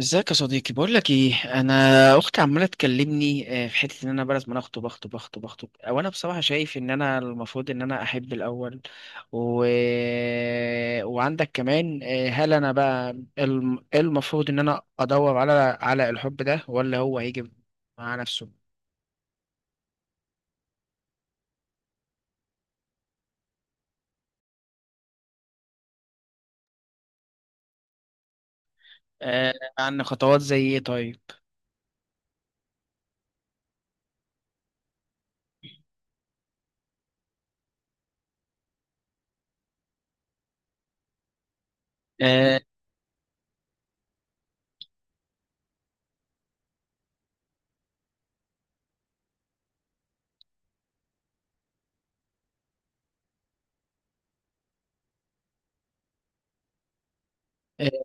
ازيك يا صديقي، بقول لك ايه. انا اختي عماله تكلمني، في حته ان انا بلد ما انا اخطب اخطب اخطب اخطب، او انا بصراحه شايف ان انا المفروض ان انا احب الاول. و... وعندك كمان، هل انا بقى إيه المفروض ان انا ادور على الحب ده، ولا هو هيجي مع نفسه؟ آه، عن خطوات زي ايه، طيب. آه،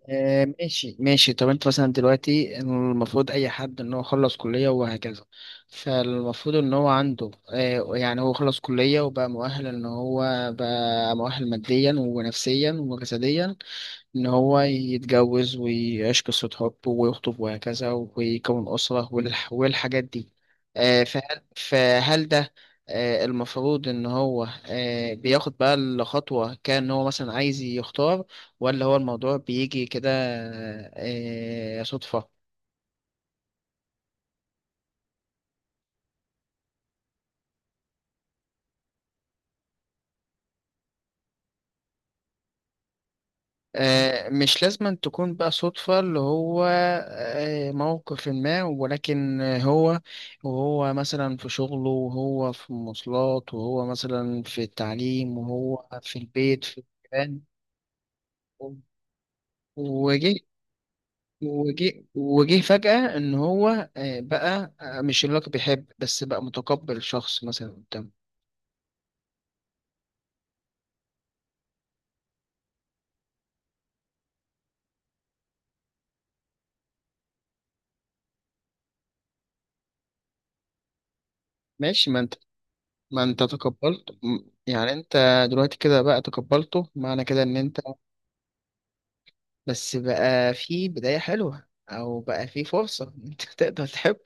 ماشي، ماشي. طب انت مثلا دلوقتي، المفروض اي حد ان هو خلص كلية وهكذا. فالمفروض ان هو عنده يعني هو خلص كلية، وبقى مؤهل ان هو بقى مؤهل ماديا ونفسيا وجسديا، إن هو يتجوز ويعيش قصة حب ويخطب وهكذا، ويكون أسرة والحاجات دي. فهل ده المفروض إن هو بياخد بقى الخطوة، كان هو مثلا عايز يختار، ولا هو الموضوع بيجي كده، صدفة؟ مش لازم تكون بقى صدفة، اللي هو موقف ما، ولكن وهو مثلا في شغله، وهو في المواصلات، وهو مثلا في التعليم، وهو في البيت في المكان، وجه وجه فجأة، إن هو بقى مش اللي هو كان بيحب، بس بقى متقبل شخص مثلا قدامه. ماشي. ما انت تقبلت يعني انت دلوقتي كده بقى تقبلته، معنى كده ان انت بس بقى في بداية حلوة، أو بقى في فرصة إن أنت تقدر تحب.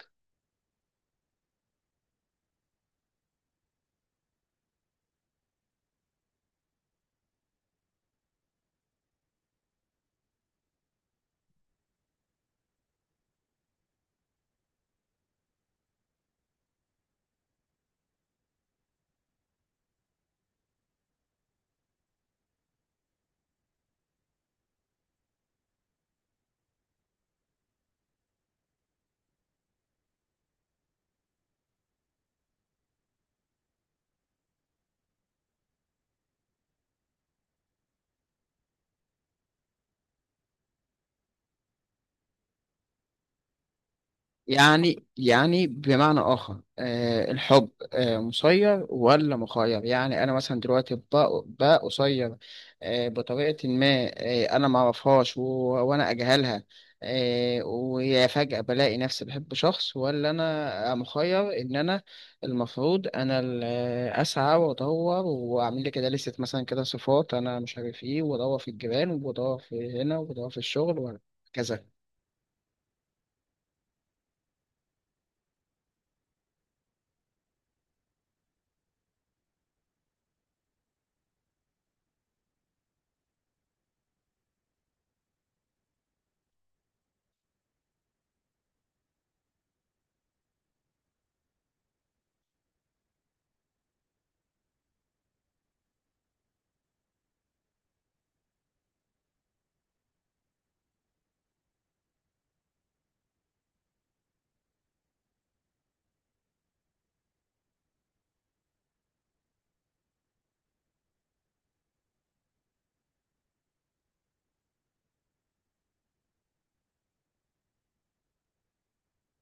يعني بمعنى آخر، الحب مسير ولا مخير، يعني أنا مثلا دلوقتي بقى قصير، بطريقة ما. أنا معرفهاش وأنا أجهلها. ويا فجأة بلاقي نفسي بحب شخص، ولا أنا مخير إن أنا المفروض أنا أسعى وأدور وأعمل لي كده لستة مثلا كده صفات أنا مش عارف إيه، وأدور في الجيران، وأدور في هنا، وأدور في الشغل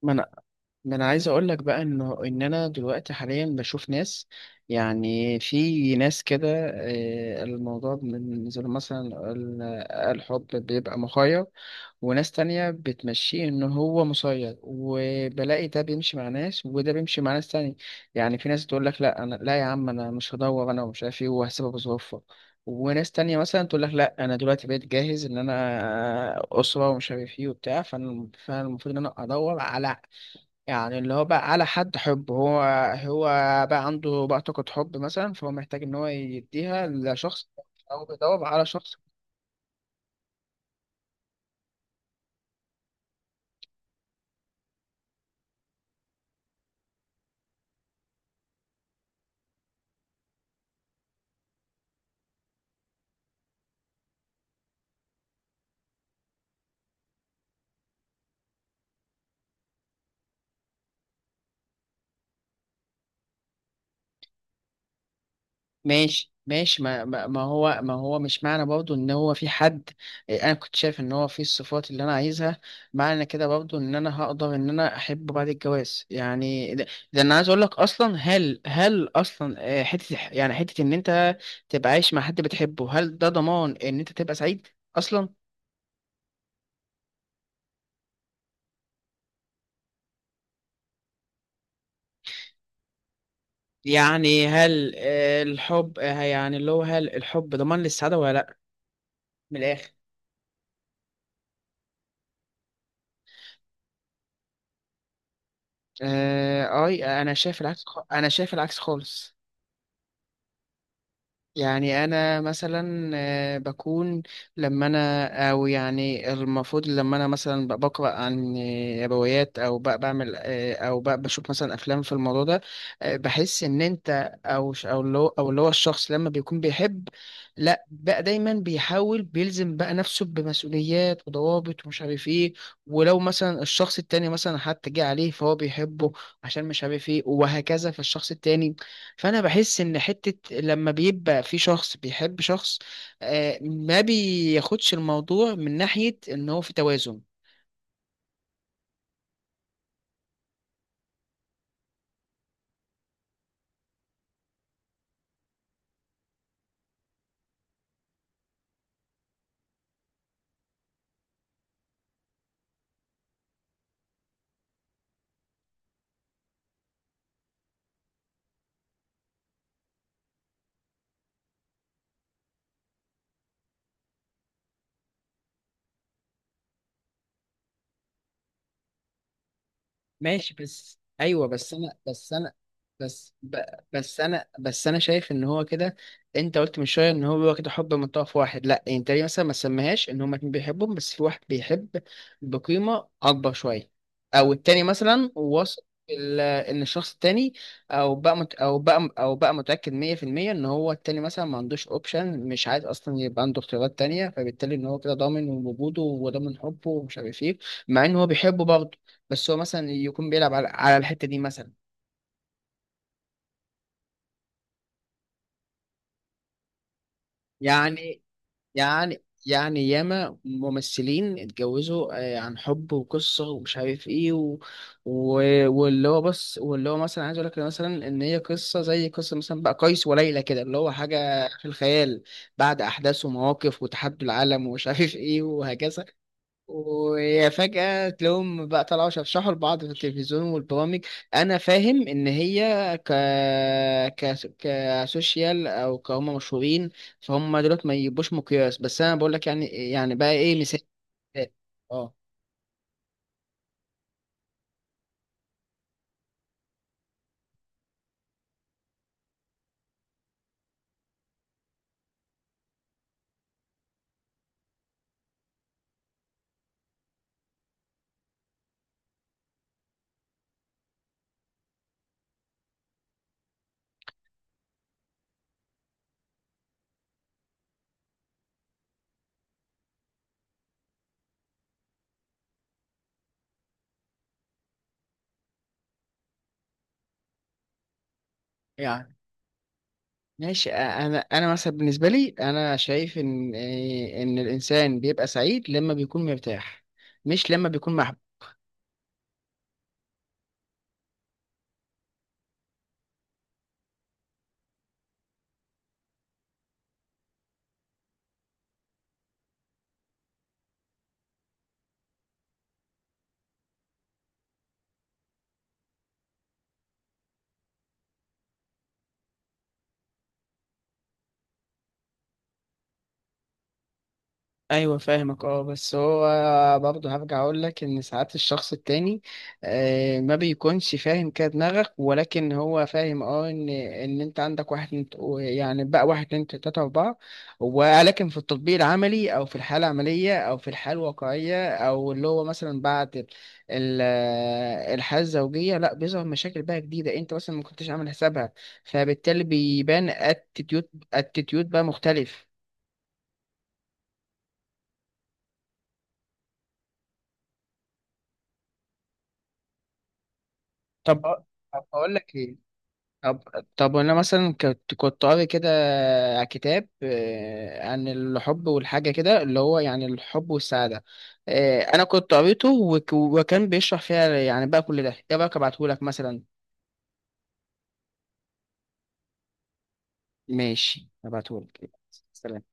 وكذا. ما انا عايز اقول لك بقى انه ان انا دلوقتي حاليا بشوف ناس، يعني في ناس كده الموضوع بالنسبه لهم مثلا الحب بيبقى مخير، وناس تانية بتمشيه ان هو مسير، وبلاقي ده بيمشي مع ناس وده بيمشي مع ناس تانية. يعني في ناس تقول لك لا، انا لا يا عم، انا مش هدور انا ومش عارف ايه، وهسيبها بظروفها. وناس تانية مثلا تقول لك لا، انا دلوقتي بقيت جاهز ان انا اسرة ومش عارف ايه وبتاع، فانا فأنا المفروض ان انا ادور على، يعني اللي هو بقى على حد حب. هو بقى عنده بقى طاقة حب مثلا، فهو محتاج إن هو يديها لشخص، أو بيدور على شخص. ماشي، ماشي. ما هو مش معنى برضه إن هو في حد، أنا كنت شايف إن هو في الصفات اللي أنا عايزها، معنى كده برضه إن أنا هقدر إن أنا أحبه بعد الجواز، يعني ده أنا عايز أقول لك أصلا، هل أصلا حتة، يعني حتة إن أنت تبقى عايش مع حد بتحبه، هل ده ضمان إن أنت تبقى سعيد أصلا؟ يعني هل الحب، يعني اللي هو هل الحب ضمان للسعادة ولا لا، من الآخر. أي أنا شايف العكس خالص. يعني انا مثلا بكون، لما انا او يعني المفروض لما انا مثلا بقرا عن روايات، او بعمل او بشوف مثلا افلام في الموضوع ده، بحس ان انت او اللي هو الشخص لما بيكون بيحب، لا بقى دايما بيحاول بيلزم بقى نفسه بمسؤوليات وضوابط ومش عارف ايه. ولو مثلا الشخص التاني مثلا حتى جه عليه فهو بيحبه عشان مش عارف ايه وهكذا في الشخص التاني. فانا بحس ان حتة لما بيبقى في شخص بيحب شخص، ما بياخدش الموضوع من ناحية ان هو في توازن. ماشي، بس ايوه، بس ب... بس انا شايف ان هو كده. انت قلت من شويه ان هو كده حب من طرف واحد. لا انت ليه مثلا ما تسميهاش ان هما اتنين بيحبهم، بس في واحد بيحب بقيمه اكبر شويه، او التاني مثلا واثق ان الشخص التاني، او بقى مت... او بقى او بقى متاكد 100% ان هو التاني مثلا ما عندوش اوبشن، مش عايز اصلا يبقى عنده اختيارات تانية، فبالتالي ان هو كده ضامن وجوده وضامن حبه ومش عارف ايه، مع ان هو بيحبه برضه. بس هو مثلا يكون بيلعب على الحتة دي مثلا. يعني يعني ياما ممثلين اتجوزوا عن حب وقصة ومش عارف ايه و... واللي هو بص، واللي هو مثلا عايز اقول لك مثلا ان هي قصة زي قصة مثلا بقى قيس وليلى كده، اللي هو حاجة في الخيال، بعد احداث ومواقف وتحدي العالم ومش عارف ايه وهكذا. ويا فجأة تلاقيهم بقى طلعوا شرشحوا لبعض في التلفزيون والبرامج. أنا فاهم إن هي ك... كسوشيال أو كهم مشهورين، فهم دولت ما يبقوش مقياس، بس أنا بقول لك، يعني بقى إيه مثال؟ أه، يعني ماشي. أنا مثلا بالنسبة لي أنا شايف إن الإنسان بيبقى سعيد لما بيكون مرتاح، مش لما بيكون محبوب. ايوه، فاهمك اه. بس هو برضه هرجع اقول لك ان ساعات الشخص التاني ما بيكونش فاهم كده دماغك، ولكن هو فاهم اه ان انت عندك واحد اتنين يعني بقى واحد اتنين تلاته اربعه. ولكن في التطبيق العملي، او في الحاله العمليه، او في الحاله الواقعيه، او اللي هو مثلا بعد ال- الحاله الزوجيه، لا بيظهر مشاكل بقى جديده انت مثلا ما كنتش عامل حسابها، فبالتالي بيبان اتيتيود بقى مختلف. طب طب هقول لك ايه. طب طب انا مثلا كنت قاري كده كتاب عن الحب والحاجه كده، اللي هو يعني الحب والسعاده. انا كنت قريته وكان بيشرح فيها، يعني بقى كل ده، ايه رايك ابعتهولك مثلا؟ ماشي، ابعتهولك. سلام.